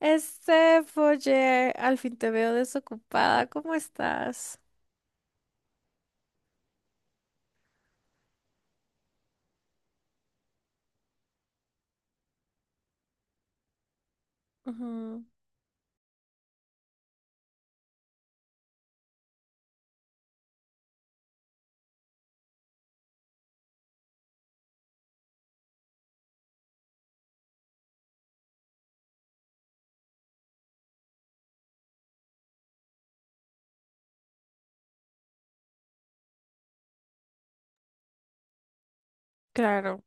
Este, Foyer, al fin te veo desocupada. ¿Cómo estás? Ujú. Claro,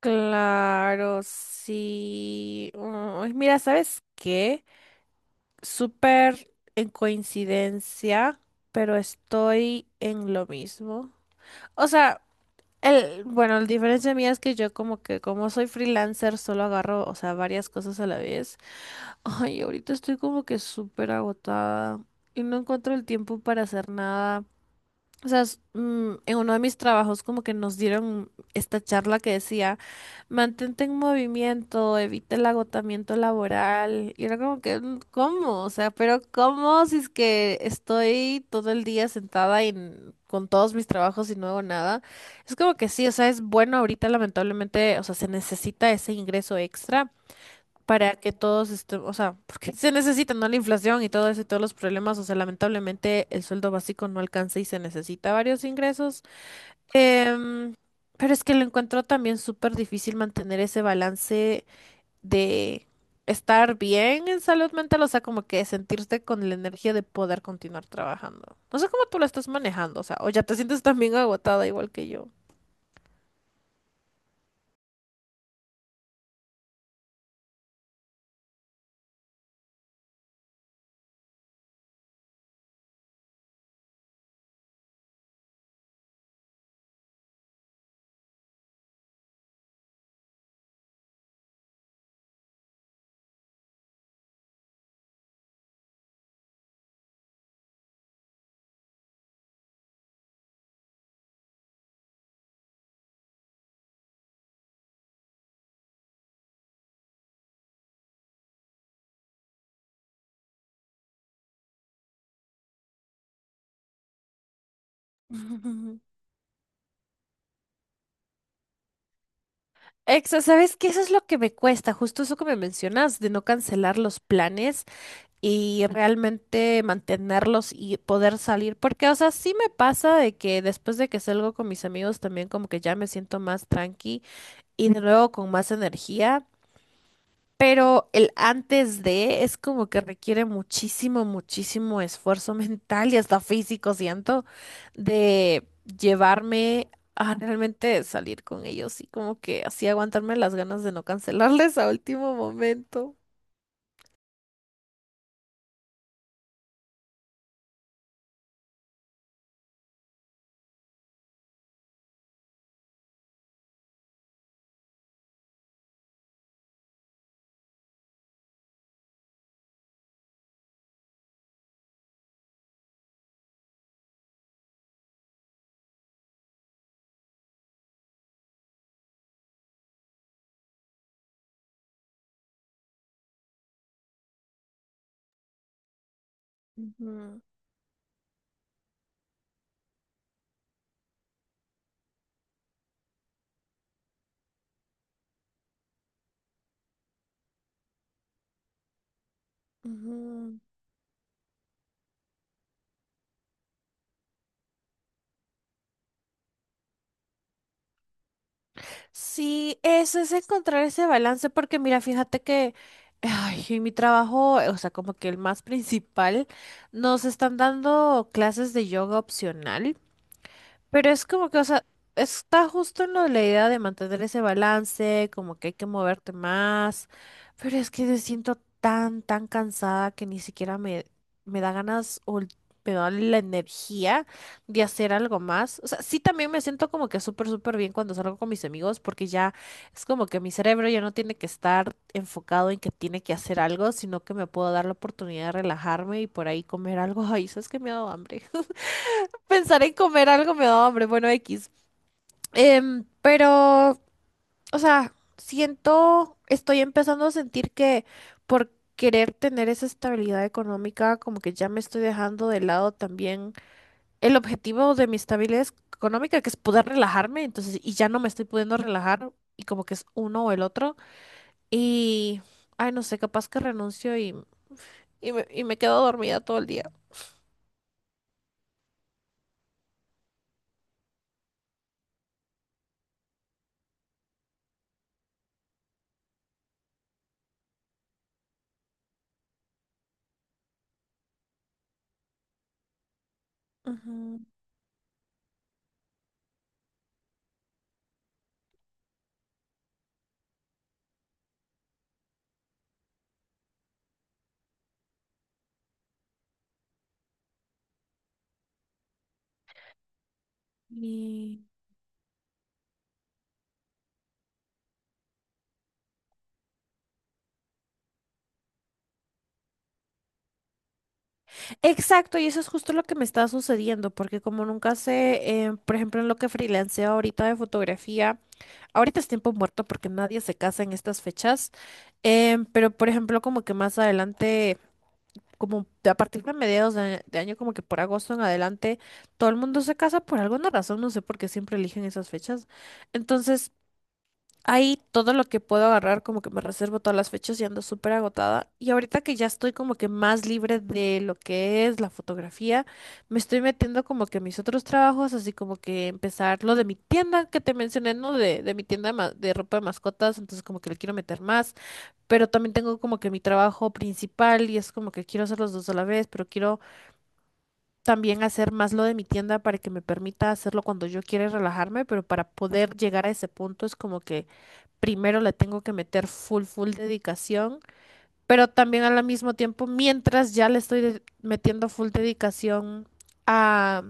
claro, sí. Uy, mira, ¿sabes qué? Súper en coincidencia, pero estoy en lo mismo. O sea, el, bueno, la diferencia mía es que yo como que como soy freelancer solo agarro, o sea, varias cosas a la vez. Ay, ahorita estoy como que súper agotada y no encuentro el tiempo para hacer nada. O sea, en uno de mis trabajos como que nos dieron esta charla que decía, mantente en movimiento, evita el agotamiento laboral. Y era como que, ¿cómo? O sea, pero ¿cómo si es que estoy todo el día sentada y con todos mis trabajos y no hago nada? Es como que sí, o sea, es bueno ahorita lamentablemente, o sea, se necesita ese ingreso extra para que todos estemos, o sea, porque se necesita, ¿no? La inflación y todo eso y todos los problemas, o sea, lamentablemente el sueldo básico no alcanza y se necesita varios ingresos. Em, pero es que lo encuentro también súper difícil mantener ese balance de estar bien en salud mental, o sea, como que sentirte con la energía de poder continuar trabajando. No sé cómo tú lo estás manejando, o sea, o ya te sientes también agotada igual que yo. Exa, ¿sabes qué? Eso es lo que me cuesta, justo eso que me mencionas, de no cancelar los planes. Y realmente mantenerlos y poder salir, porque, o sea, sí me pasa de que después de que salgo con mis amigos también como que ya me siento más tranqui y de nuevo con más energía, pero el antes de es como que requiere muchísimo, muchísimo esfuerzo mental y hasta físico, siento, de llevarme a realmente salir con ellos y como que así aguantarme las ganas de no cancelarles a último momento. Ujú, ujú. Sí, eso es encontrar ese balance, porque mira, fíjate que ay, en mi trabajo, o sea, como que el más principal, nos están dando clases de yoga opcional. Pero es como que, o sea, está justo en lo de la idea de mantener ese balance, como que hay que moverte más, pero es que me siento tan, tan cansada que ni siquiera me, me da ganas o me da la energía de hacer algo más. O sea, sí también me siento como que súper, súper bien cuando salgo con mis amigos, porque ya es como que mi cerebro ya no tiene que estar enfocado en que tiene que hacer algo, sino que me puedo dar la oportunidad de relajarme y por ahí comer algo. Ay, sabes que me ha dado hambre. Pensar en comer algo me da hambre, bueno, X. Pero, o sea, siento, estoy empezando a sentir que por querer tener esa estabilidad económica, como que ya me estoy dejando de lado también el objetivo de mi estabilidad económica, que es poder relajarme, entonces, y ya no me estoy pudiendo relajar, y como que es uno o el otro, y, ay, no sé, capaz que renuncio y me quedo dormida todo el día. Ujú. Y exacto, y eso es justo lo que me está sucediendo, porque como nunca sé, por ejemplo, en lo que freelanceo ahorita de fotografía, ahorita es tiempo muerto porque nadie se casa en estas fechas, pero por ejemplo, como que más adelante, como a partir de mediados de año, como que por agosto en adelante, todo el mundo se casa por alguna razón, no sé por qué siempre eligen esas fechas. Entonces, ahí todo lo que puedo agarrar, como que me reservo todas las fechas y ando súper agotada. Y ahorita que ya estoy como que más libre de lo que es la fotografía, me estoy metiendo como que a mis otros trabajos, así como que empezar lo de mi tienda que te mencioné, ¿no? De mi tienda de, de ropa de mascotas, entonces como que le quiero meter más. Pero también tengo como que mi trabajo principal y es como que quiero hacer los dos a la vez, pero quiero también hacer más lo de mi tienda para que me permita hacerlo cuando yo quiera y relajarme, pero para poder llegar a ese punto es como que primero le tengo que meter full, full dedicación, pero también al mismo tiempo, mientras ya le estoy metiendo full dedicación a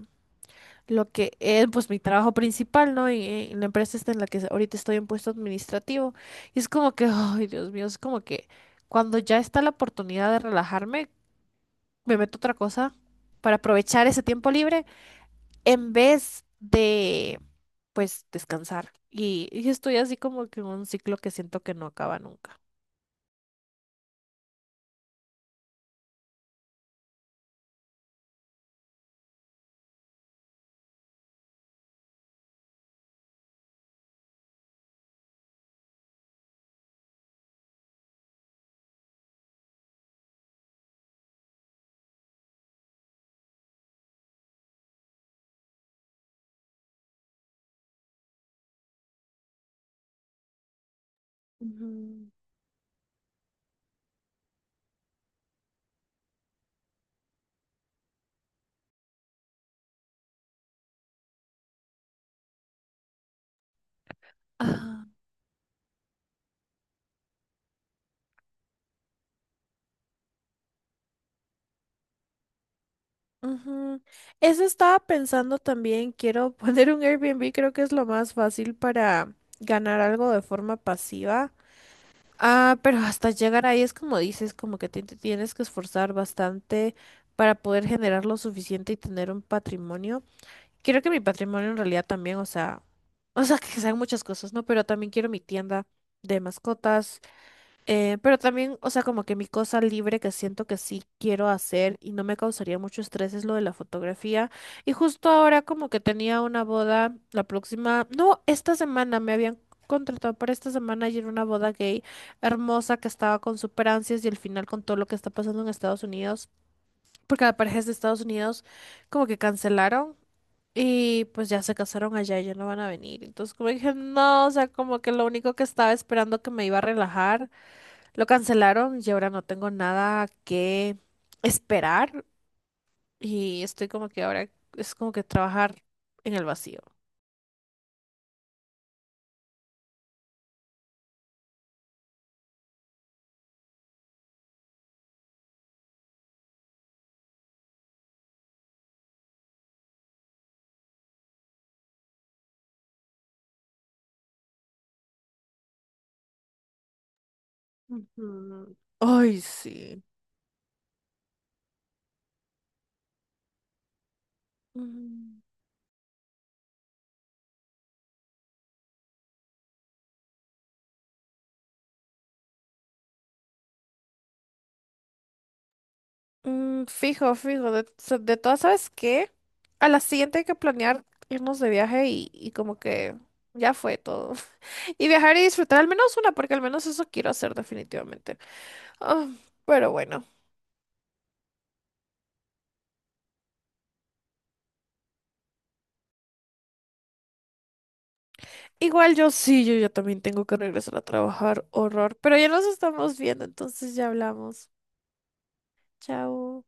lo que es pues mi trabajo principal, ¿no? Y la empresa está en la que ahorita estoy en puesto administrativo. Y es como que, ay, Dios mío, es como que cuando ya está la oportunidad de relajarme, me meto a otra cosa para aprovechar ese tiempo libre en vez de, pues, descansar. Y estoy así como que en un ciclo que siento que no acaba nunca. Ujú. Ah, ujú. Eso estaba pensando también. Quiero poner un Airbnb, creo que es lo más fácil para ganar algo de forma pasiva. Ah, pero hasta llegar ahí es como dices, como que te tienes que esforzar bastante para poder generar lo suficiente y tener un patrimonio. Quiero que mi patrimonio en realidad también, o sea, que sean muchas cosas, ¿no? Pero también quiero mi tienda de mascotas. Pero también, o sea, como que mi cosa libre que siento que sí quiero hacer y no me causaría mucho estrés es lo de la fotografía. Y justo ahora como que tenía una boda la próxima, no, esta semana me habían contratado para esta semana y era una boda gay hermosa que estaba con super ansias y al final con todo lo que está pasando en Estados Unidos, porque la pareja es de Estados Unidos, como que cancelaron. Y pues ya se casaron allá y ya no van a venir. Entonces como dije, no, o sea, como que lo único que estaba esperando que me iba a relajar lo cancelaron y ahora no tengo nada que esperar y estoy como que ahora es como que trabajar en el vacío. Ujú. Ay, sí. Mm. Mm, fijo, fijo. De, de todas, ¿sabes qué? A la siguiente hay que planear irnos de viaje y como que ya fue todo. Y viajar y disfrutar al menos una, porque al menos eso quiero hacer definitivamente. Ah, pero bueno. Igual yo sí, yo ya también tengo que regresar a trabajar. Horror. Pero ya nos estamos viendo, entonces ya hablamos. Chao.